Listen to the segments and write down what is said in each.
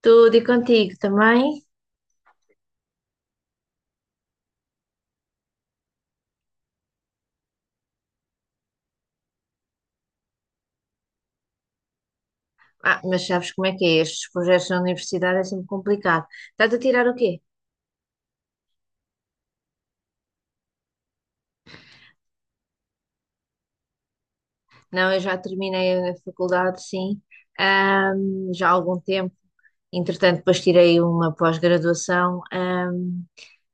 Tudo e contigo também? Ah, mas sabes como é que é? Estes projetos na universidade é sempre complicado. Estás a tirar o quê? Não, eu já terminei a faculdade, sim, já há algum tempo. Entretanto, depois tirei uma pós-graduação,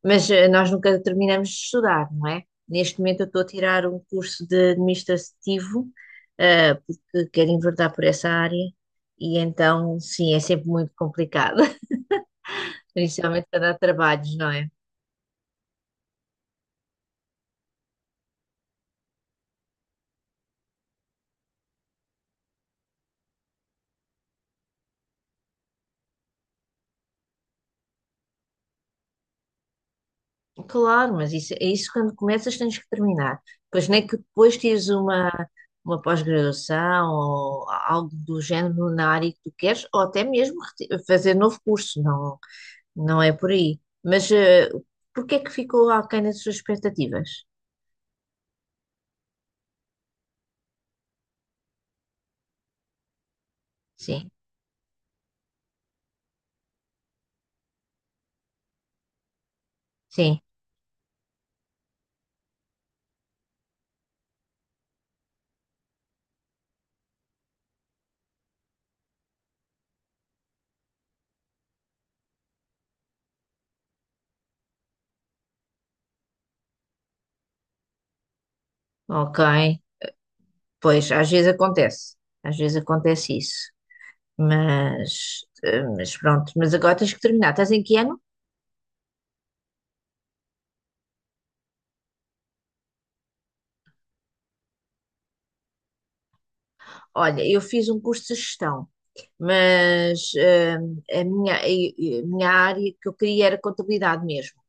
mas nós nunca terminamos de estudar, não é? Neste momento eu estou a tirar um curso de administrativo, porque quero enverdar por essa área, e então, sim, é sempre muito complicado, principalmente para dar trabalhos, não é? Claro, mas isso, é isso quando começas tens que terminar. Pois nem que depois tires uma pós-graduação ou algo do género na área que tu queres, ou até mesmo fazer novo curso, não, não é por aí. Mas porque é que ficou aquém das suas expectativas? Sim, sim, ok. Pois, às vezes acontece isso. Mas, pronto, mas agora tens que terminar. Estás em que ano? Olha, eu fiz um curso de gestão, mas a minha área que eu queria era contabilidade mesmo.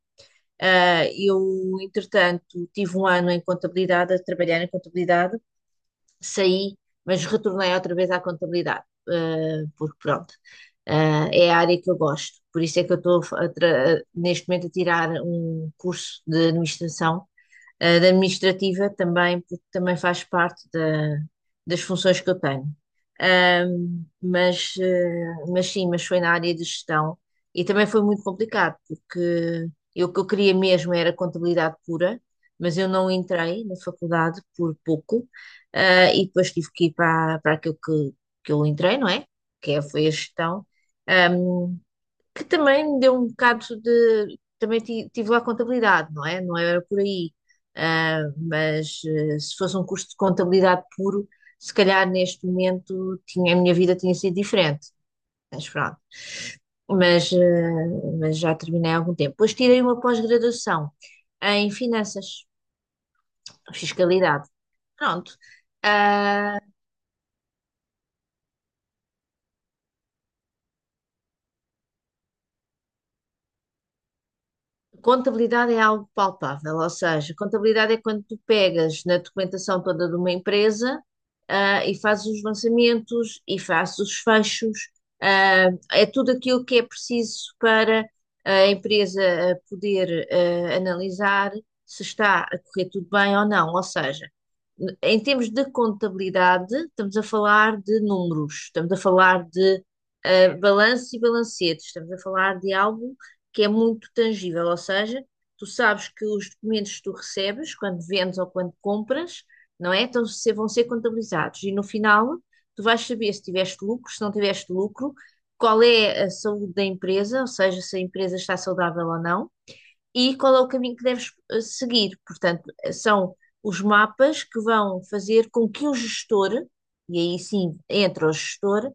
Ah, entretanto, tive um ano em contabilidade, a trabalhar em contabilidade, saí, mas retornei outra vez à contabilidade, porque pronto, é a área que eu gosto. Por isso é que eu estou a fa- a tra- neste momento a tirar um curso de administração da administrativa também, porque também faz parte das funções que eu tenho. Ahm, mas, eh, mas sim, mas foi na área de gestão e também foi muito complicado, porque eu, o que eu queria mesmo era contabilidade pura, mas eu não entrei na faculdade por pouco, e depois tive que ir para aquilo que eu entrei, não é? Que é, foi a gestão que também me deu um bocado de. Também tive lá contabilidade, não é? Não era por aí. Ah, mas se fosse um curso de contabilidade puro, se calhar neste momento a minha vida tinha sido diferente. Mas pronto. Mas, eh, mas já terminei há algum tempo. Depois tirei uma pós-graduação em finanças, fiscalidade. Pronto. Ah, contabilidade é algo palpável, ou seja, contabilidade é quando tu pegas na documentação toda de uma empresa, e fazes os lançamentos e fazes os fechos, é tudo aquilo que é preciso para a empresa poder analisar se está a correr tudo bem ou não. Ou seja, em termos de contabilidade, estamos a falar de números, estamos a falar de balanço e balancetes, estamos a falar de algo que é muito tangível, ou seja, tu sabes que os documentos que tu recebes quando vendes ou quando compras, não é? Então vão ser contabilizados e no final tu vais saber se tiveste lucro, se não tiveste lucro, qual é a saúde da empresa, ou seja, se a empresa está saudável ou não, e qual é o caminho que deves seguir. Portanto, são os mapas que vão fazer com que o gestor, e aí sim entra o gestor,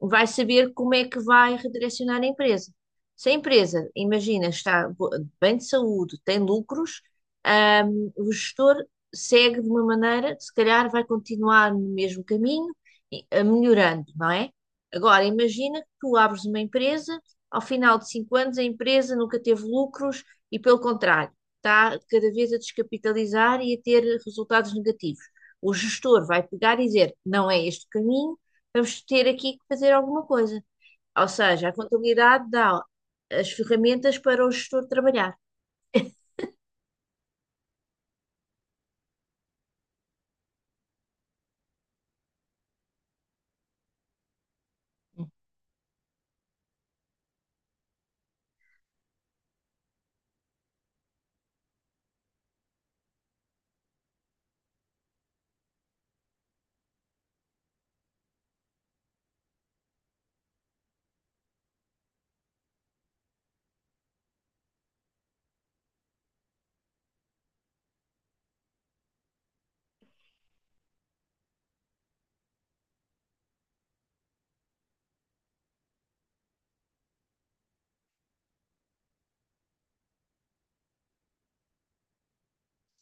vai saber como é que vai redirecionar a empresa. Se a empresa, imagina, está bem de saúde, tem lucros, o gestor segue de uma maneira, se calhar vai continuar no mesmo caminho, a melhorando, não é? Agora, imagina que tu abres uma empresa, ao final de cinco anos a empresa nunca teve lucros e, pelo contrário, está cada vez a descapitalizar e a ter resultados negativos. O gestor vai pegar e dizer, não é este o caminho, vamos ter aqui que fazer alguma coisa. Ou seja, a contabilidade dá as ferramentas para o gestor trabalhar.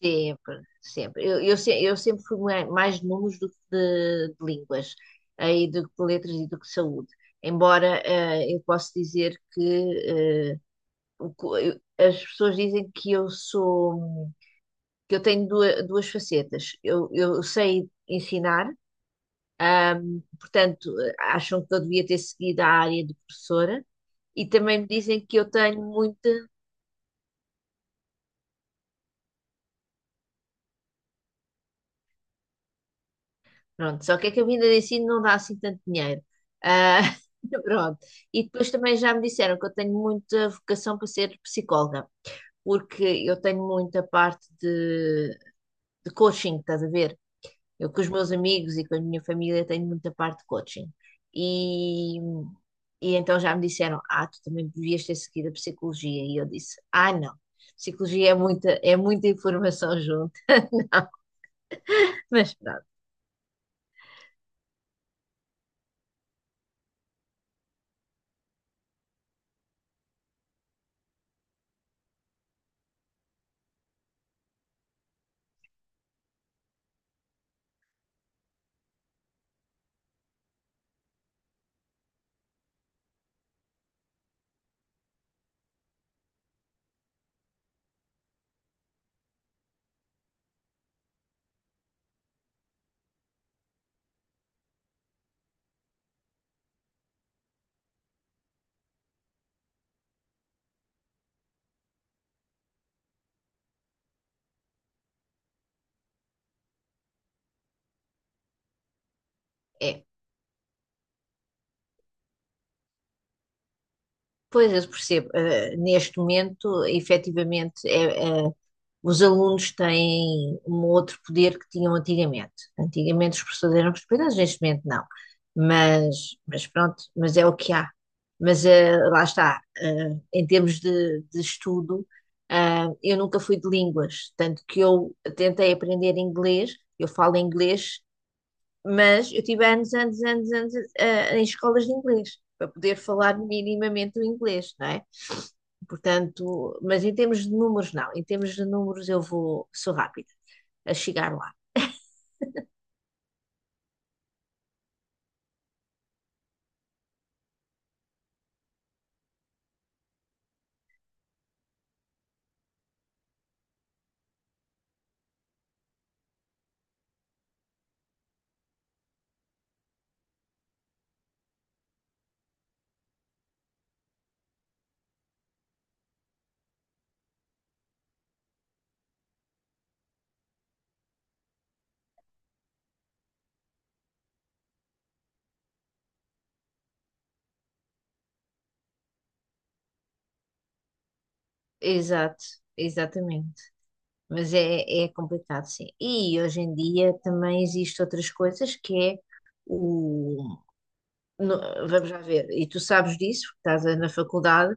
Sempre, sempre. Eu, se- eu sempre fui mais de números do que de línguas, aí do que de letras e do que de saúde. Embora eu posso dizer que eh, as pessoas dizem que eu sou, que eu tenho duas facetas. Eu sei ensinar, portanto, acham que eu devia ter seguido a área de professora e também me dizem que eu tenho muita. Pronto, só que é que a vinda de ensino não dá assim tanto dinheiro. Ah, pronto. E depois também já me disseram que eu tenho muita vocação para ser psicóloga, porque eu tenho muita parte de coaching, estás a ver? Eu com os meus amigos e com a minha família tenho muita parte de coaching. E, e então já me disseram, ah, tu também devias ter seguido a psicologia. E eu disse, ah, não, psicologia é muita informação junto. Não, mas pronto, é. Pois eu percebo, neste momento, efetivamente, é, os alunos têm um outro poder que tinham antigamente. Antigamente os professores eram respeitados, neste momento não. Mas pronto, mas é o que há. Mas lá está, em termos de estudo, eu nunca fui de línguas, tanto que eu tentei aprender inglês, eu falo inglês, mas eu tive anos, anos, anos, anos em escolas de inglês, para poder falar minimamente o inglês, não é? Portanto, mas em termos de números, não. Em termos de números, eu vou, sou rápida a chegar lá. Exato, exatamente. Mas é, é complicado, sim. E hoje em dia também existem outras coisas que é o, no- vamos lá ver, e tu sabes disso, porque estás na faculdade,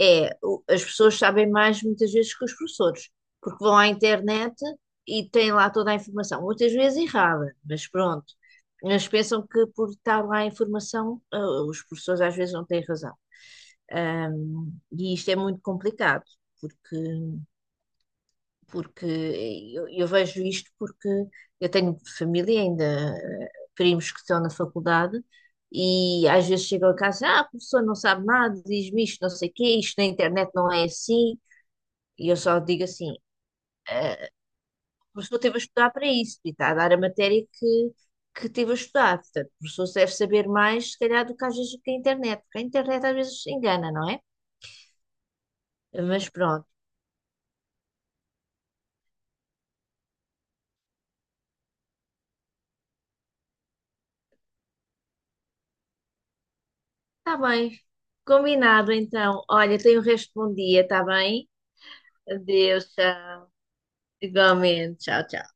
é as pessoas sabem mais muitas vezes que os professores, porque vão à internet e têm lá toda a informação, muitas vezes errada, mas pronto. Mas pensam que por estar lá a informação, os professores às vezes não têm razão. E isto é muito complicado, porque eu vejo isto porque eu tenho família ainda, primos que estão na faculdade, e às vezes chegam a casa, ah, a professora não sabe nada, diz-me isto, não sei o quê, isto na internet não é assim, e eu só digo assim, "Ah, o professor teve a estudar para isso, e está a dar a matéria que teve a estudar, portanto, o professor deve saber mais, se calhar, do que às vezes que a internet, porque a internet às vezes engana, não é?" Mas pronto, está bem, combinado então, olha, tenho o resto de bom dia, está bem? Adeus, tchau. Igualmente, tchau, tchau.